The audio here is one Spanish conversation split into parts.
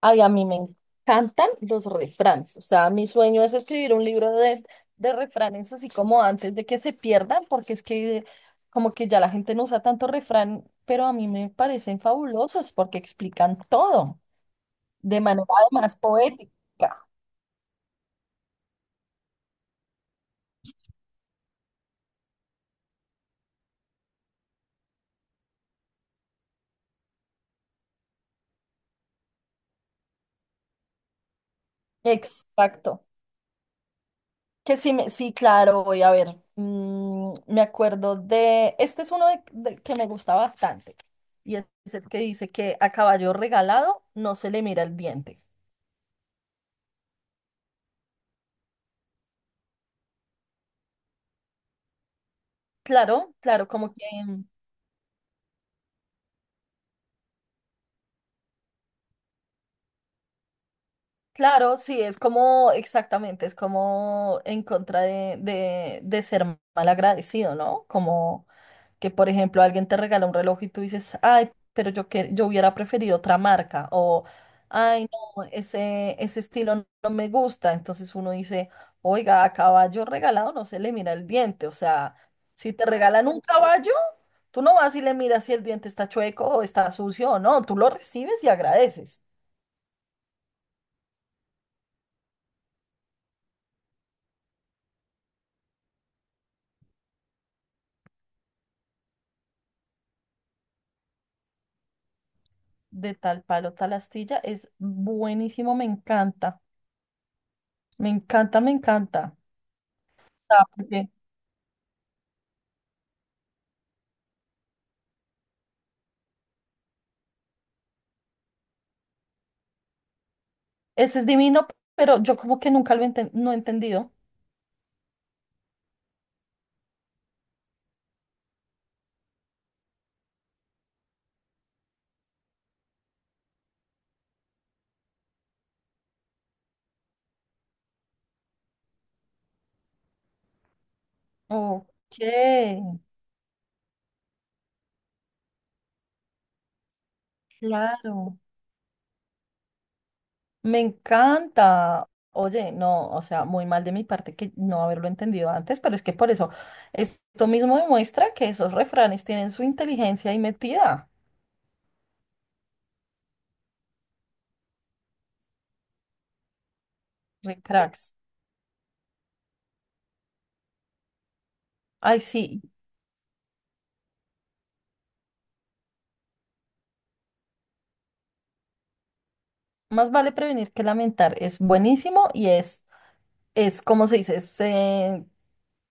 Ay, a mí me encantan los refranes. O sea, mi sueño es escribir un libro de refranes, así como antes de que se pierdan, porque es que como que ya la gente no usa tanto refrán, pero a mí me parecen fabulosos porque explican todo de manera más poética. Exacto. Que sí, sí, claro, voy a ver. Me acuerdo de, este es uno que me gusta bastante, y es el que dice que a caballo regalado no se le mira el diente. Claro, claro, como que, claro, sí, es como, exactamente, es como en contra de ser mal agradecido, ¿no? Como que, por ejemplo, alguien te regala un reloj y tú dices, ay, pero yo, que, yo hubiera preferido otra marca, o, ay, no, ese estilo no me gusta. Entonces uno dice, oiga, a caballo regalado no se le mira el diente, o sea, si te regalan un caballo, tú no vas y le miras si el diente está chueco o está sucio o no, tú lo recibes y agradeces. De tal palo, tal astilla, es buenísimo, me encanta, me encanta, me encanta. Ah, porque ese es divino, pero yo como que nunca no he entendido. Ok, claro, me encanta. Oye, no, o sea, muy mal de mi parte que no haberlo entendido antes, pero es que por eso esto mismo demuestra que esos refranes tienen su inteligencia ahí metida, re cracks. Ay, sí, más vale prevenir que lamentar, es buenísimo y es como se dice, es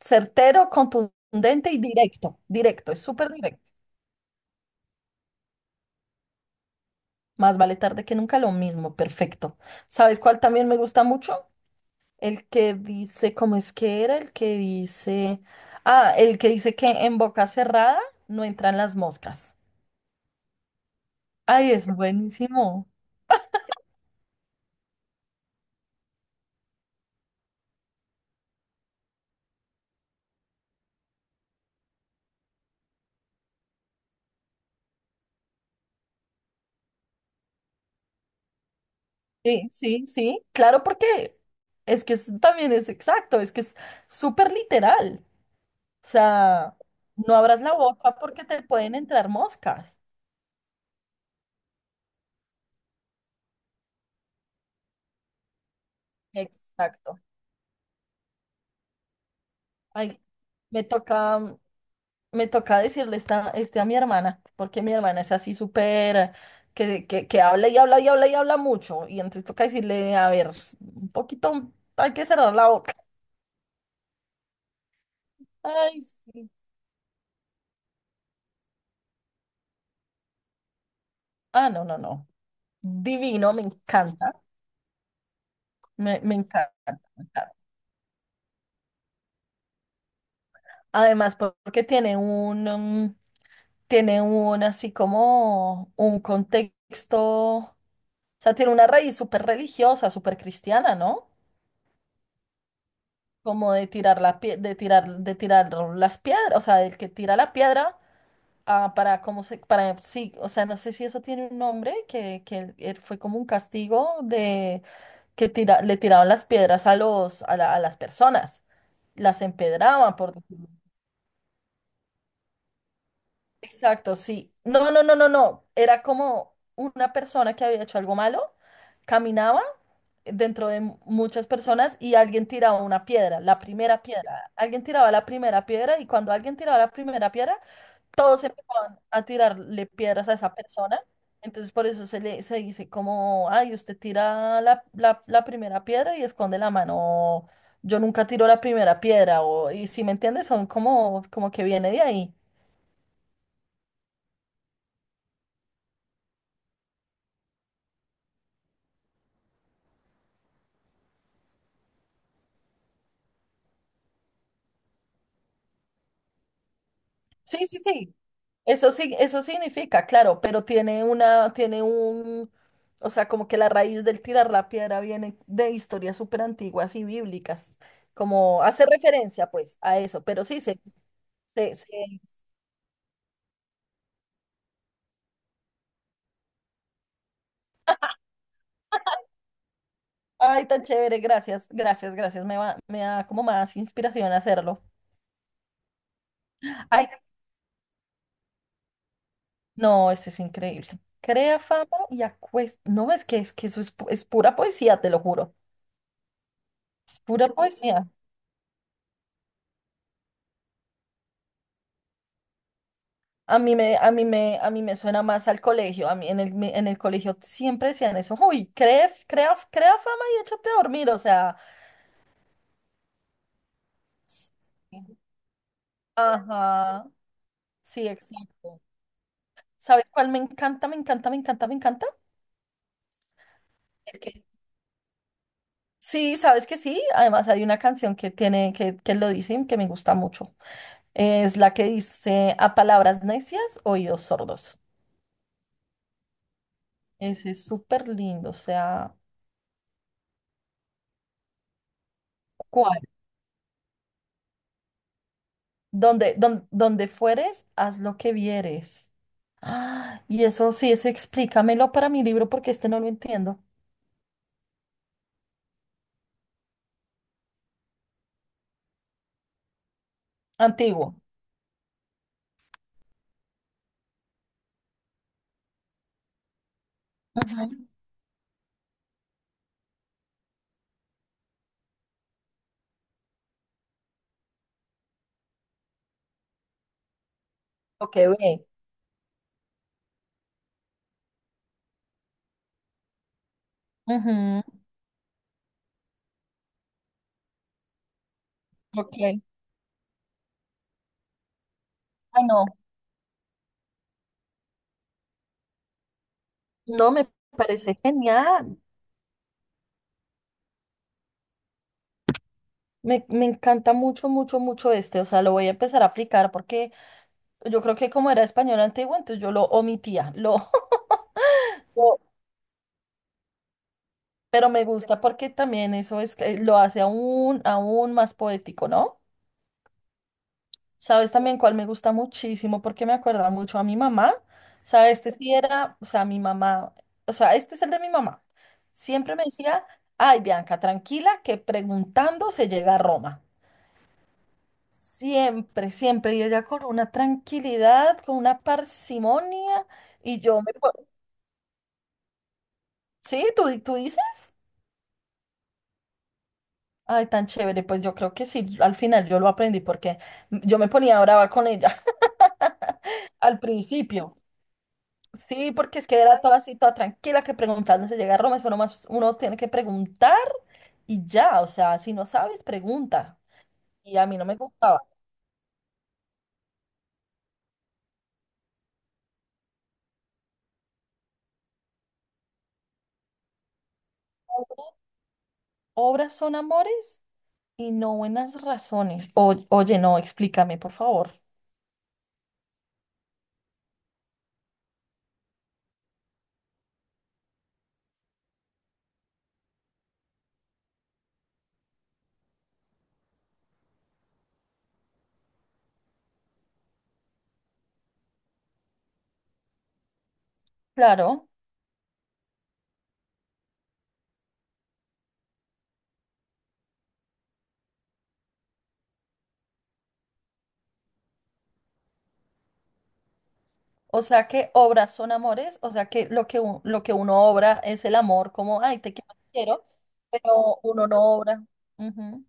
certero, contundente y directo, directo, es súper directo. Más vale tarde que nunca, lo mismo, perfecto. ¿Sabes cuál también me gusta mucho? El que dice, ¿cómo es que era? El que dice, ah, el que dice que en boca cerrada no entran las moscas. Ay, es buenísimo. Sí, sí, sí, claro, porque también es exacto, es que es súper literal. O sea, no abras la boca porque te pueden entrar moscas. Exacto. Ay, me toca, me toca decirle esta, este a mi hermana, porque mi hermana es así súper, que habla y habla y habla y habla mucho. Y entonces toca decirle, a ver, un poquito, hay que cerrar la boca. Ay, sí. Ah, no, no, no. Divino, me encanta. Me encanta. Además, porque tiene un, tiene un así como un contexto, o sea, tiene una raíz súper religiosa, súper cristiana, ¿no? Como de de tirar las piedras, o sea, el que tira la piedra, ah, para cómo se, para sí, o sea, no sé si eso tiene un nombre, que él fue como un castigo de que tira, le tiraban las piedras a los, a las personas, las empedraban, por decirlo. Exacto, sí. No, no, no, no, no. Era como una persona que había hecho algo malo, caminaba dentro de muchas personas y alguien tiraba una piedra, la primera piedra. Alguien tiraba la primera piedra y cuando alguien tiraba la primera piedra, todos empezaban a tirarle piedras a esa persona. Entonces por eso se le se dice como, ay, usted tira la primera piedra y esconde la mano. O, yo nunca tiro la primera piedra, o, y si me entiendes, son como, como que viene de ahí. Sí, sí, sí. Eso sí, eso significa, claro, pero tiene una, tiene un, o sea, como que la raíz del tirar la piedra viene de historias súper antiguas y bíblicas, como hace referencia pues a eso, pero sí, se, se- ay, tan chévere, gracias, gracias, gracias, me va, me da como más inspiración a hacerlo. Ay, no, este es increíble. Crea fama y acuesta, no, es que eso es, es pura poesía, te lo juro, es pura poesía. A mí me, a mí me, a mí me suena más al colegio. A mí en en el colegio siempre decían eso. Uy, crea, crea, crea fama y échate a dormir. O sea, sí. Ajá. Sí, exacto. ¿Sabes cuál me encanta, me encanta, me encanta, me encanta? ¿El qué? Sí, sabes que sí. Además hay una canción que tiene, que lo dicen, que me gusta mucho. Es la que dice a palabras necias, oídos sordos. Ese es súper lindo. O sea, ¿cuál? Donde, donde fueres, haz lo que vieres. Ah, y eso sí es, explícamelo para mi libro porque este no lo entiendo. Antiguo. Ujú. Ok, ve. Ujú, ok. Ah, no. No, me parece genial. Me encanta mucho, mucho, mucho este. O sea, lo voy a empezar a aplicar porque yo creo que como era español antiguo, entonces yo lo omitía. Lo, lo- pero me gusta porque también eso es, que lo hace aún, aún más poético, ¿no? ¿Sabes también cuál me gusta muchísimo? Porque me acuerda mucho a mi mamá. O sea, este sí era, o sea, mi mamá, o sea, este es el de mi mamá. Siempre me decía, ay, Bianca, tranquila, que preguntando se llega a Roma. Siempre, siempre. Y ella con una tranquilidad, con una parsimonia. Y yo me... ¿Sí? ¿Tú, tú dices? Ay, tan chévere. Pues yo creo que sí, al final yo lo aprendí porque yo me ponía brava con ella al principio. Sí, porque es que era toda así, toda tranquila, que preguntando se llega a Roma, eso nomás uno tiene que preguntar y ya, o sea, si no sabes, pregunta. Y a mí no me gustaba. Obras son amores y no buenas razones. Oye, no, explícame, por favor. Claro, o sea que obras son amores, o sea que lo que, lo que uno obra es el amor, como, ay, te quiero, pero uno no obra. Ujú,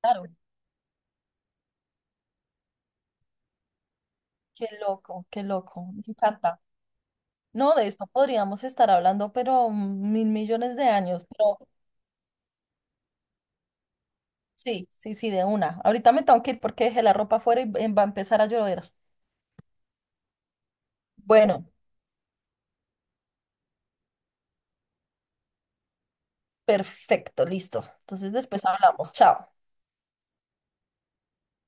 claro, qué loco, me encanta. No, de esto podríamos estar hablando, pero 1.000.000.000 de años, pero sí, sí, sí, de una. Ahorita me tengo que ir porque dejé la ropa afuera y va a empezar a llover. Bueno, perfecto, listo. Entonces después hablamos. Chao.